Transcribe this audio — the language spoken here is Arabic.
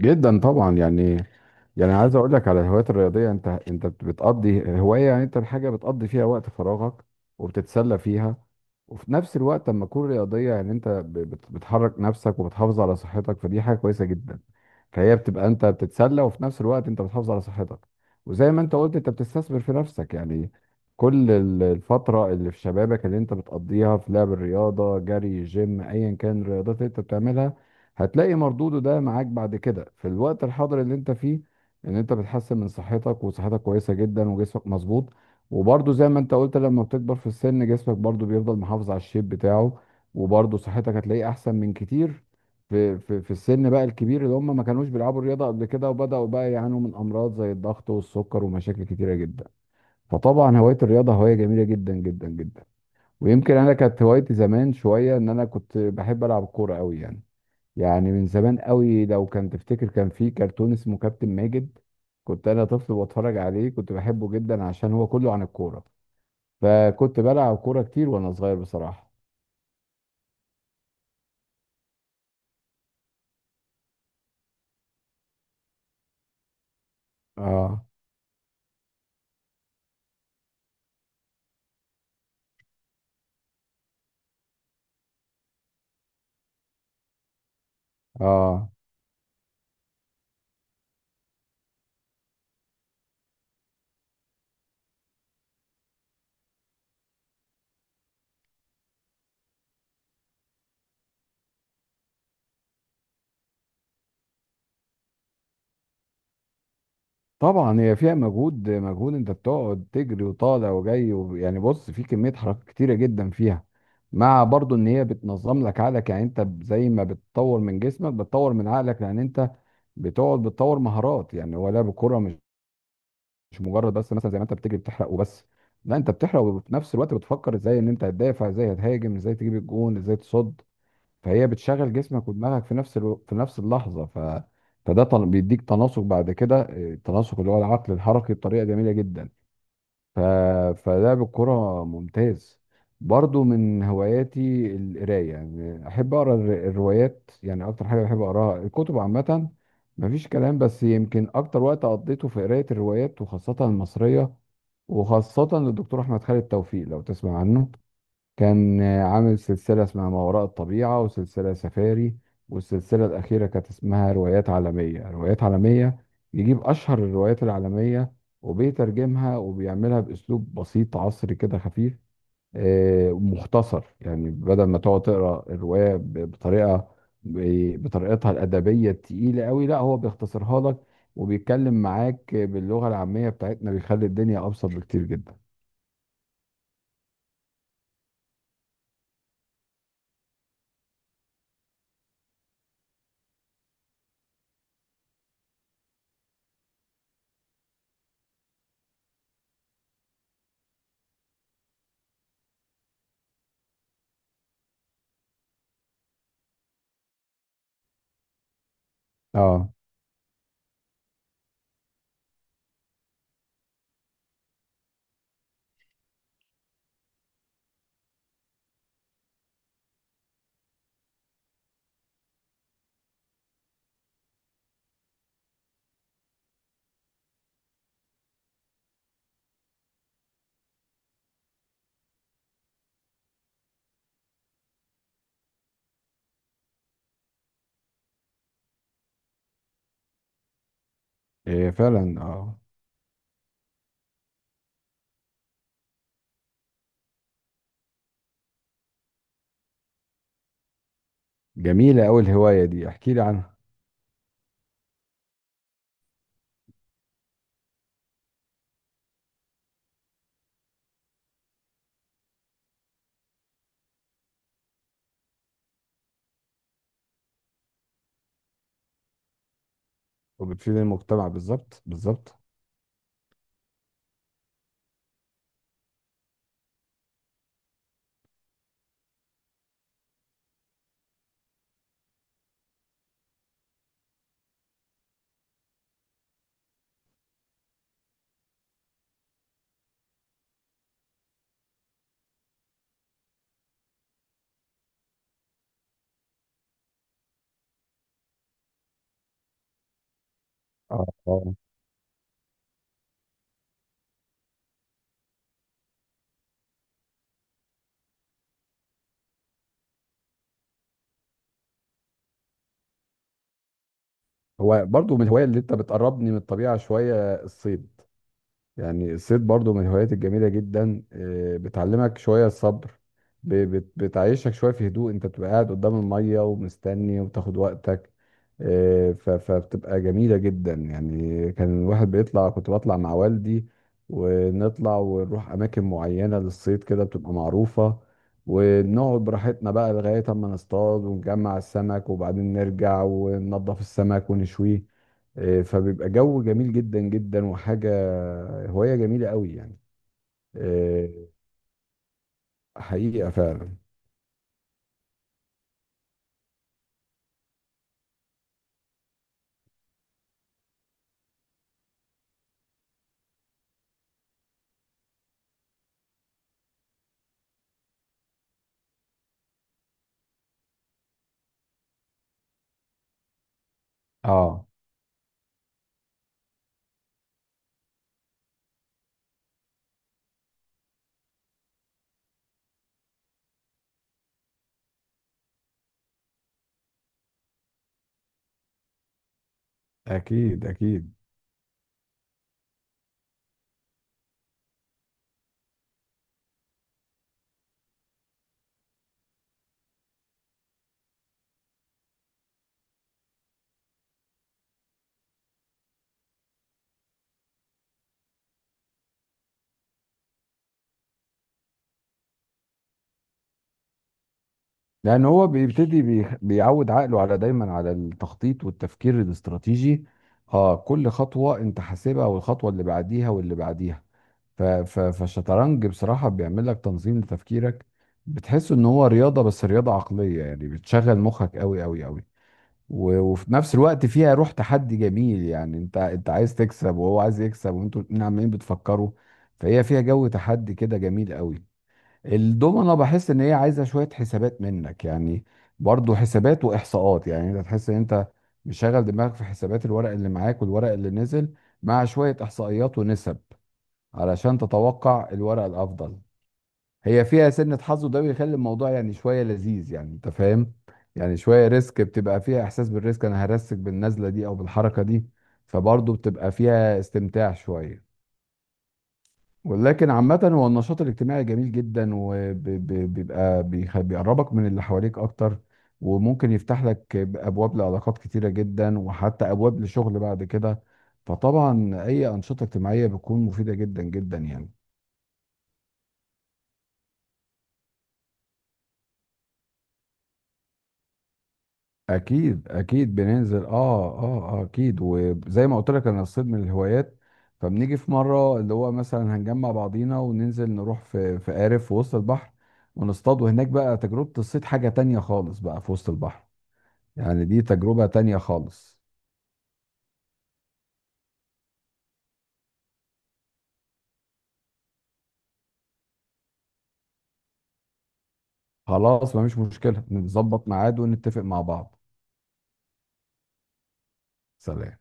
جدا طبعا يعني عايز اقول لك على الهوايات الرياضيه، انت بتقضي هوايه، يعني انت الحاجه بتقضي فيها وقت فراغك وبتتسلى فيها. وفي نفس الوقت لما تكون رياضيه يعني انت بتحرك نفسك وبتحافظ على صحتك، فدي حاجه كويسه جدا. فهي بتبقى انت بتتسلى وفي نفس الوقت انت بتحافظ على صحتك. وزي ما انت قلت انت بتستثمر في نفسك يعني. كل الفتره اللي في شبابك اللي انت بتقضيها في لعب الرياضه، جري، جيم، ايا كان الرياضات اللي انت بتعملها، هتلاقي مردوده ده معاك بعد كده في الوقت الحاضر اللي انت فيه، ان انت بتحسن من صحتك وصحتك كويسه جدا وجسمك مظبوط. وبرضه زي ما انت قلت لما بتكبر في السن جسمك برضه بيفضل محافظ على الشيب بتاعه، وبرضه صحتك هتلاقيه احسن من كتير في السن بقى الكبير اللي هم ما كانوش بيلعبوا الرياضه قبل كده وبداوا بقى يعانوا من امراض زي الضغط والسكر ومشاكل كتيره جدا. فطبعا هوايه الرياضه هوايه جميله جدا جدا جدا. ويمكن انا كانت هوايتي زمان شويه ان انا كنت بحب العب كوره قوي يعني. يعني من زمان قوي لو كان تفتكر كان في كرتون اسمه كابتن ماجد. كنت انا طفل بتفرج عليه كنت بحبه جدا عشان هو كله عن الكوره. فكنت بلعب كوره كتير وانا صغير بصراحه. اه. اه. طبعا هي فيها مجهود مجهود، انت بتقعد تجري وطالع وجاي يعني بص، في كميه حركات كتيره جدا فيها، مع برضو ان هي بتنظم لك عقلك. يعني انت زي ما بتطور من جسمك بتطور من عقلك، لان انت بتقعد بتطور مهارات. يعني هو لعب الكوره مش مجرد بس مثلا زي ما انت بتجري بتحرق وبس. لا، انت بتحرق وفي نفس الوقت بتفكر ازاي ان انت هتدافع، ازاي هتهاجم، ازاي تجيب الجون، ازاي تصد. فهي بتشغل جسمك ودماغك في نفس اللحظه. فده بيديك تناسق بعد كده. اه، التناسق اللي هو العقل الحركي بطريقه جميله جدا. ف... فلعب الكرة ممتاز. برضو من هواياتي القراية. يعني أحب أقرأ الروايات. يعني أكتر حاجة بحب أقرأها الكتب عامة. مفيش كلام، بس يمكن أكتر وقت قضيته في قراية الروايات وخاصة المصرية، وخاصة للدكتور أحمد خالد توفيق لو تسمع عنه. كان آه، عامل سلسلة اسمها ما وراء الطبيعة وسلسلة سفاري. والسلسلة الأخيرة كانت اسمها روايات عالمية روايات عالمية. يجيب أشهر الروايات العالمية وبيترجمها وبيعملها بأسلوب بسيط عصري كده خفيف. آه، مختصر. يعني بدل ما تقعد تقرأ الرواية بطريقتها الأدبية التقيلة قوي، لا هو بيختصرها لك وبيتكلم معاك باللغة العامية بتاعتنا، بيخلي الدنيا أبسط بكتير جدا. اه. إيه فعلا. اه. جميلة أوي الهواية دي، احكي لي عنها. وبتفيد المجتمع بالظبط بالظبط. اه. اه. هو برضو من الهواية اللي انت بتقربني من الطبيعة شوية، الصيد. يعني الصيد برضو من الهوايات الجميلة جدا. آه، بتعلمك شوية الصبر. بتعيشك شوية في هدوء. انت بتبقى قاعد قدام المية ومستني وبتاخد وقتك. آه، فبتبقى جميلة جدا. يعني كان الواحد بيطلع، كنت بطلع مع والدي ونطلع ونروح أماكن معينة للصيد كده بتبقى معروفة. ونقعد براحتنا بقى لغاية أما نصطاد ونجمع السمك وبعدين نرجع وننضف السمك ونشويه. آه، فبيبقى جو جميل جدا جدا وحاجة، هواية جميلة قوي يعني. آه، حقيقة فعلا. اه. اكيد اكيد. لان هو بيبتدي بيعود عقله على دايما على التخطيط والتفكير الاستراتيجي. اه، كل خطوة انت حاسبها والخطوة اللي بعديها واللي بعديها. فالشطرنج بصراحة بيعمل لك تنظيم لتفكيرك. بتحس ان هو رياضة بس رياضة عقلية. يعني بتشغل مخك قوي قوي قوي. وفي نفس الوقت فيها روح تحدي جميل. يعني انت عايز تكسب وهو عايز يكسب وانتوا الاتنين عمالين بتفكروا. فهي فيها جو تحدي كده جميل قوي. الدومنة بحس ان هي عايزة شوية حسابات منك يعني. برضو حسابات واحصاءات. يعني انت تحس ان انت مشغل دماغك في حسابات الورق اللي معاك والورق اللي نزل، مع شوية احصائيات ونسب علشان تتوقع الورق الافضل. هي فيها سنة حظ وده بيخلي الموضوع يعني شوية لذيذ، يعني انت فاهم. يعني شوية ريسك، بتبقى فيها احساس بالريسك. انا هرسك بالنزلة دي او بالحركة دي. فبرضه بتبقى فيها استمتاع شوية. ولكن عامة هو النشاط الاجتماعي جميل جدا وبيبقى بيقربك من اللي حواليك اكتر، وممكن يفتح لك ابواب لعلاقات كتيرة جدا وحتى ابواب لشغل بعد كده. فطبعا اي انشطة اجتماعية بتكون مفيدة جدا جدا يعني. اكيد اكيد بننزل اه. اه. آه، اكيد. وزي ما قلت لك انا الصيد من الهوايات. فبنيجي في مره اللي هو مثلا هنجمع بعضينا وننزل نروح في قارب في وسط البحر ونصطاد. وهناك بقى تجربه الصيد حاجه تانية خالص بقى في وسط البحر. يعني دي تجربه تانية خالص. خلاص مفيش مشكله، نظبط ميعاد ونتفق مع بعض. سلام.